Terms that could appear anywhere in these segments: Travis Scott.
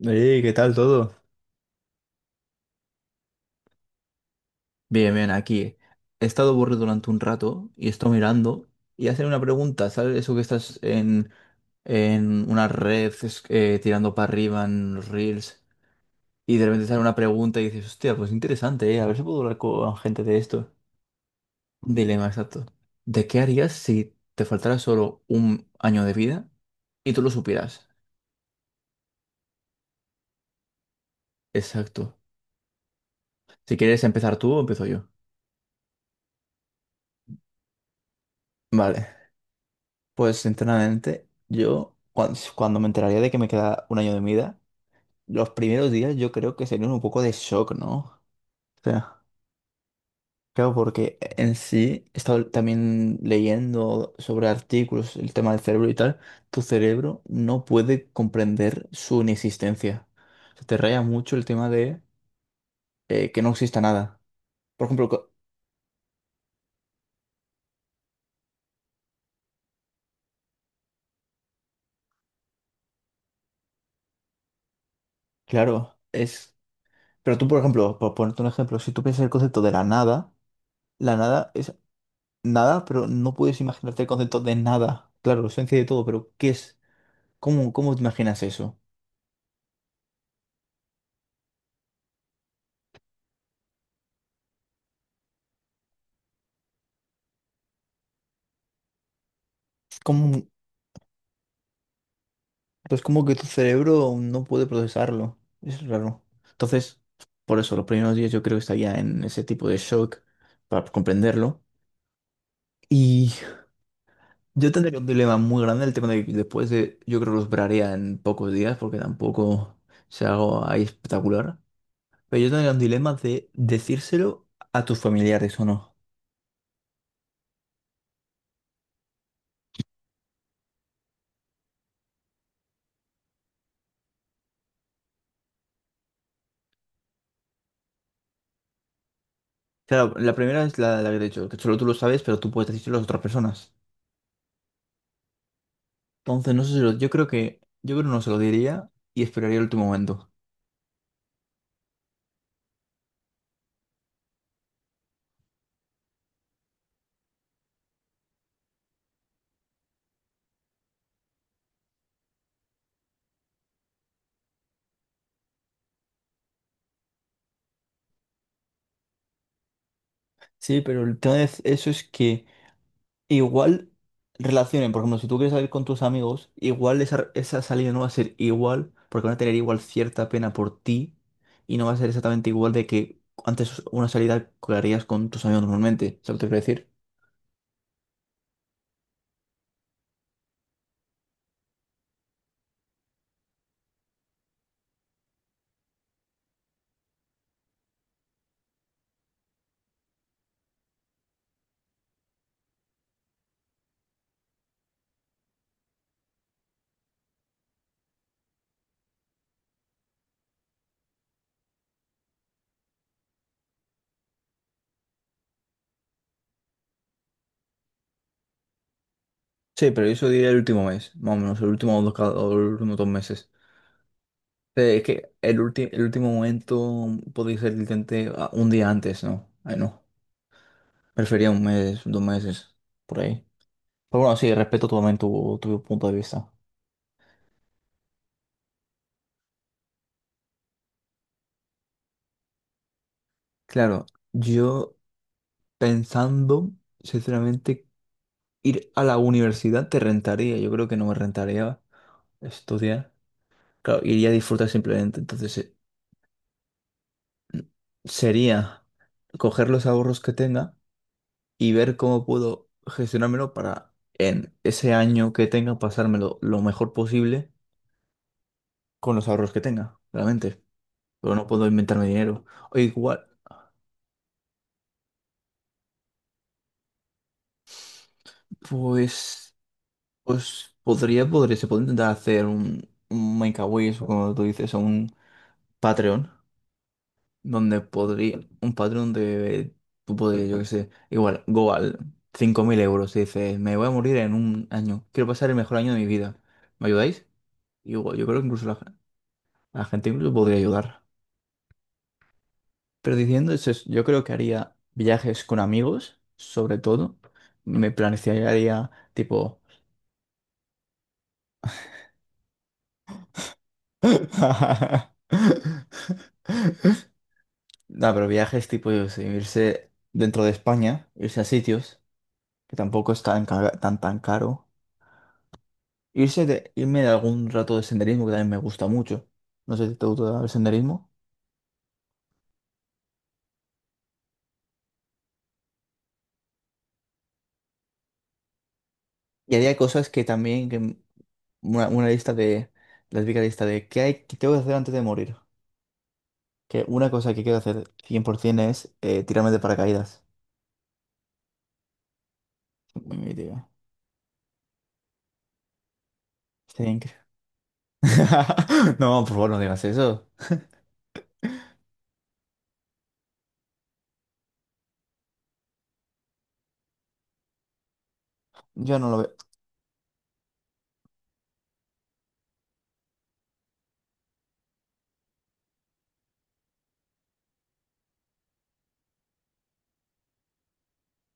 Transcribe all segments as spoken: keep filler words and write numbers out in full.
Ey, ¿qué tal todo? Bien, bien, aquí. He estado aburrido durante un rato y estoy mirando y hacen una pregunta, ¿sabes? Eso que estás en, en una red es- eh, tirando para arriba en los reels y de repente sale una pregunta y dices, hostia, pues interesante, ¿eh? A ver si puedo hablar con gente de esto. Un dilema exacto. ¿De qué harías si te faltara solo un año de vida y tú lo supieras? Exacto. Si quieres empezar tú, empiezo yo. Vale. Pues sinceramente, yo cuan- cuando, me enteraría de que me queda un año de mi vida, los primeros días yo creo que serían un poco de shock, ¿no? O sea, claro, porque en sí he estado también leyendo sobre artículos, el tema del cerebro y tal, tu cerebro no puede comprender su inexistencia. Se te raya mucho el tema de eh, que no exista nada. Por ejemplo, co- claro, es. Pero tú, por ejemplo, por ponerte un ejemplo, si tú piensas el concepto de la nada, la nada es nada, pero no puedes imaginarte el concepto de nada. Claro, esencia de todo, pero ¿qué es? ¿Cómo, cómo te imaginas eso? ¿Cómo, pues como que tu cerebro no puede procesarlo. Es raro. Entonces, por eso, los primeros días yo creo que estaría en ese tipo de shock para comprenderlo. Y yo tendría un dilema muy grande, el tema de que después de, yo creo que los braría en pocos días, porque tampoco se hago ahí espectacular. Pero yo tendría un dilema de decírselo a tus familiares o no. Claro, la primera es la, la que te he dicho, que solo tú lo sabes, pero tú puedes decírselo a las otras personas. Entonces, no sé si lo, yo creo que, yo creo que no se lo diría y esperaría el último momento. Sí, pero el tema de eso es que igual relacionen, por ejemplo, si tú quieres salir con tus amigos, igual esa, esa salida no va a ser igual, porque van a tener igual cierta pena por ti y no va a ser exactamente igual de que antes una salida que harías con tus amigos normalmente, ¿sabes lo que te quiero decir? Sí, pero eso diría el último mes, más o menos, el último dos, ca- o el último dos meses. Eh, Es que el, ulti- el último momento podría ser literalmente ah, un día antes, ¿no? Ay, no. Prefería un mes, dos meses, por ahí. Pero bueno, sí, respeto totalmente tu, tu punto de vista. Claro, yo pensando, sinceramente, ir a la universidad te rentaría. Yo creo que no me rentaría estudiar. Claro, iría a disfrutar simplemente. Entonces, eh, sería coger los ahorros que tenga. Y ver cómo puedo gestionármelo para en ese año que tenga pasármelo lo mejor posible con los ahorros que tenga, realmente. Pero no puedo inventarme dinero. O igual, pues, pues podría, podría, se puede intentar hacer un, un Make-A-Wish, o como tú dices, o un Patreon, donde podría, un Patreon de, tú podrías, yo qué sé, igual, go al cinco mil euros y dices, me voy a morir en un año, quiero pasar el mejor año de mi vida. ¿Me ayudáis? Y Yo, yo creo que incluso la, a gente incluso podría ayudar. Pero diciendo eso, es- yo creo que haría viajes con amigos, sobre todo. Me plantearía tipo. No, pero viajes tipo, yo qué sé, irse dentro de España, irse a sitios, que tampoco es tan, ca- tan, tan caro. Irse de, irme de algún rato de senderismo, que también me gusta mucho. No sé si te gusta el senderismo. Y haría cosas que también, que m- una, una lista de, la típica lista de qué hay, qué tengo que hacer antes de morir. Que una cosa que quiero hacer cien por ciento es eh, tirarme de paracaídas. Muy mi vida. Sería increíble. No, por favor, no digas eso. Yo no lo veo.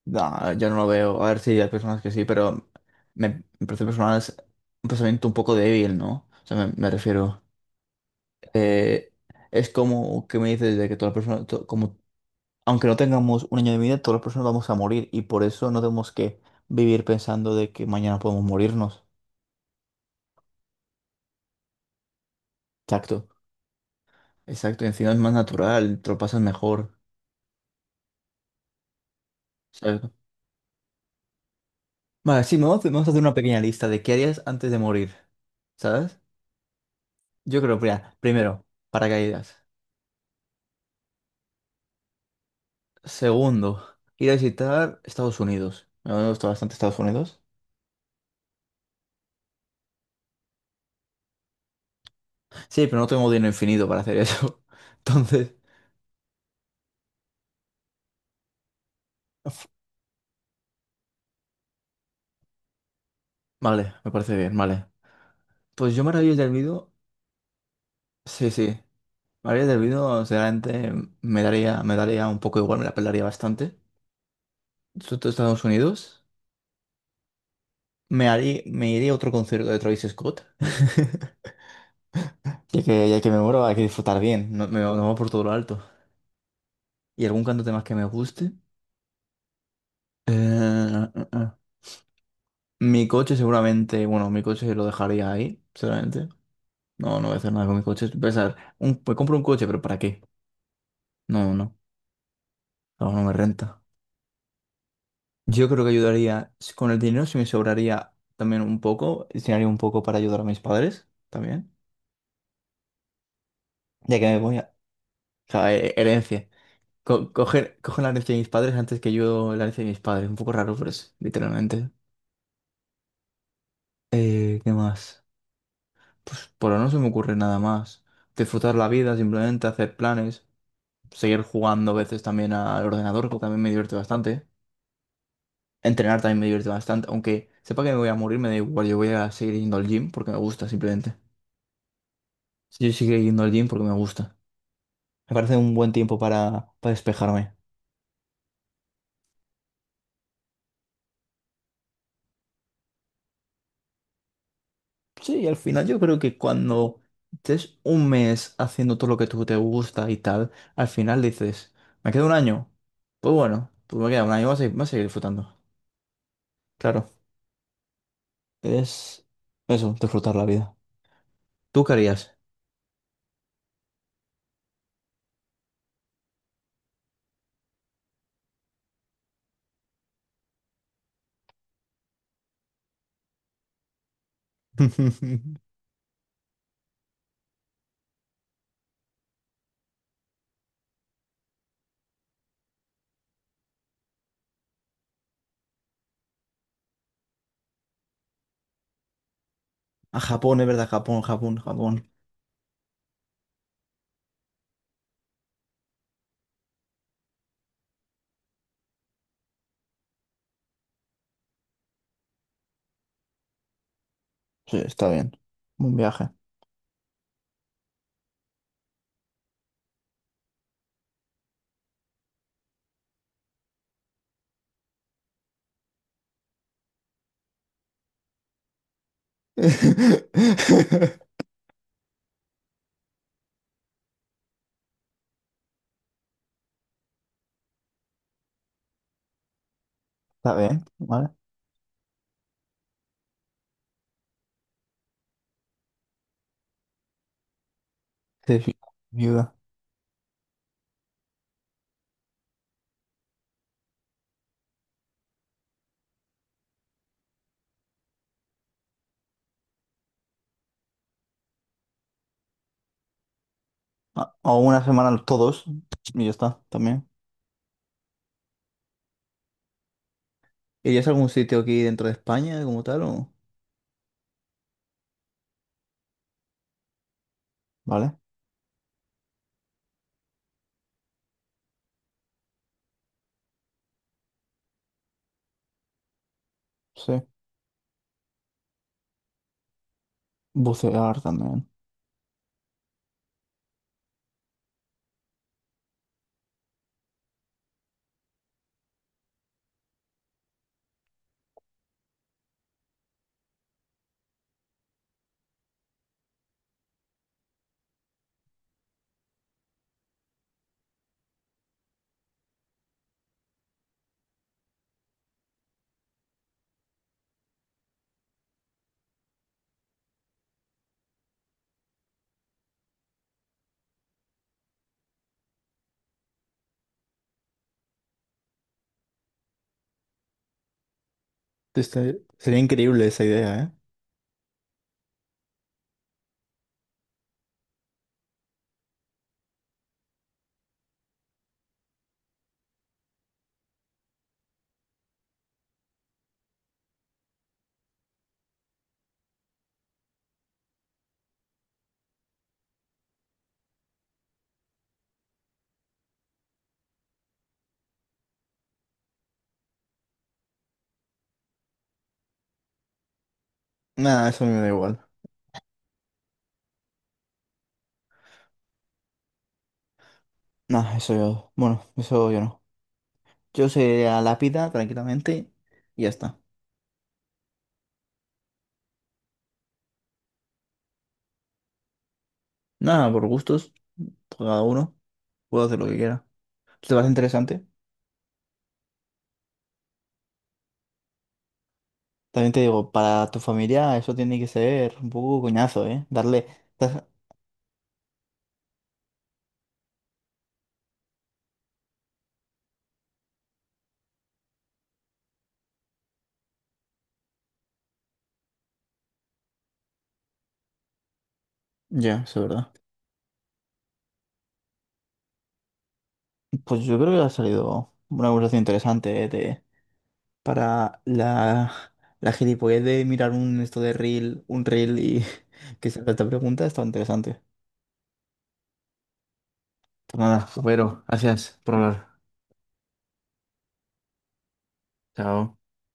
No, yo no lo veo. A ver si hay personas que sí, pero me, me parece personal es un pensamiento un poco débil, ¿no? O sea, me, me refiero. eh, es como que me dices de que todas las personas, to- como, aunque no tengamos un año de vida, todas las personas vamos a morir y por eso no tenemos que vivir pensando de que mañana podemos morirnos. Exacto. Exacto, y encima es más natural, te lo pasas mejor, ¿sabes? Vale, sí, vamos, vamos a hacer una pequeña lista de qué harías antes de morir, ¿sabes? Yo creo, mira, primero, paracaídas. Segundo, ir a visitar Estados Unidos. Me gusta bastante Estados Unidos. Sí, pero no tengo dinero infinito para hacer eso. Entonces, uf, vale, me parece bien, vale. Pues yo Maravillas del Olvido, sí, sí. Maravillas del Olvido, sinceramente, me daría, me daría un poco igual, me la pelaría bastante. Sobre todo Estados Unidos. Me harí- me iré a otro concierto de Travis Scott. Ya que, ya que me muero, hay que disfrutar bien. No, me, no va por todo lo alto. ¿Y algún cantante más que me guste? Eh, eh, eh. Mi coche seguramente, bueno, mi coche lo dejaría ahí, seguramente. No, no voy a hacer nada con mi coche. Pensar, un, me compro un coche, pero ¿para qué? No, no, no, no me renta. Yo creo que ayudaría, si- con el dinero si me sobraría también un poco, destinaría un poco para ayudar a mis padres también, ya que me voy a. O sea, he- herencia. Co- cogen, cogen la herencia de mis padres antes que yo la herencia de mis padres. Un poco raro, pero es literalmente. Eh, ¿qué más? Pues por ahora no se me ocurre nada más. Disfrutar la vida, simplemente hacer planes. Seguir jugando a veces también al ordenador, que también me divierte bastante. Entrenar también me divierte bastante. Aunque sepa que me voy a morir, me da igual. Yo voy a seguir yendo al gym porque me gusta, simplemente. Yo seguiré yendo al gym porque me gusta. Me parece un buen tiempo para, para despejarme. Sí, y al final yo creo que cuando estés un mes haciendo todo lo que tú te gusta y tal, al final dices, ¿me queda un año? Pues bueno, pues me queda un año, voy a seguir, voy a seguir disfrutando. Claro, es eso, disfrutar la vida. ¿Tú qué harías? A Japón, es verdad, Japón, Japón, Japón. Sí, está bien. Un viaje. Está bien, ¿vale? Sí, sí, viuda. A- O una semana los todos y ya está, también. ¿Irías a algún sitio aquí dentro de España como tal o? ¿Vale? Sí. Bucear también. Este- sería increíble esa idea, ¿eh? Nada, eso a mí me da igual. Nada, eso yo. Bueno, eso yo no. Yo sería lápida tranquilamente y ya está. Nada, por gustos, por cada uno, puedo hacer lo que quiera. ¿Te parece interesante? También te digo, para tu familia eso tiene que ser un poco coñazo, ¿eh? Darle... dar- Ya, eso es verdad. Pues yo creo que ha salido una conversación interesante, ¿eh? Para la, la gilipollez de mirar un esto de reel, un reel y que se haga esta pregunta, está interesante. Pues nada, pero gracias por hablar. Chao.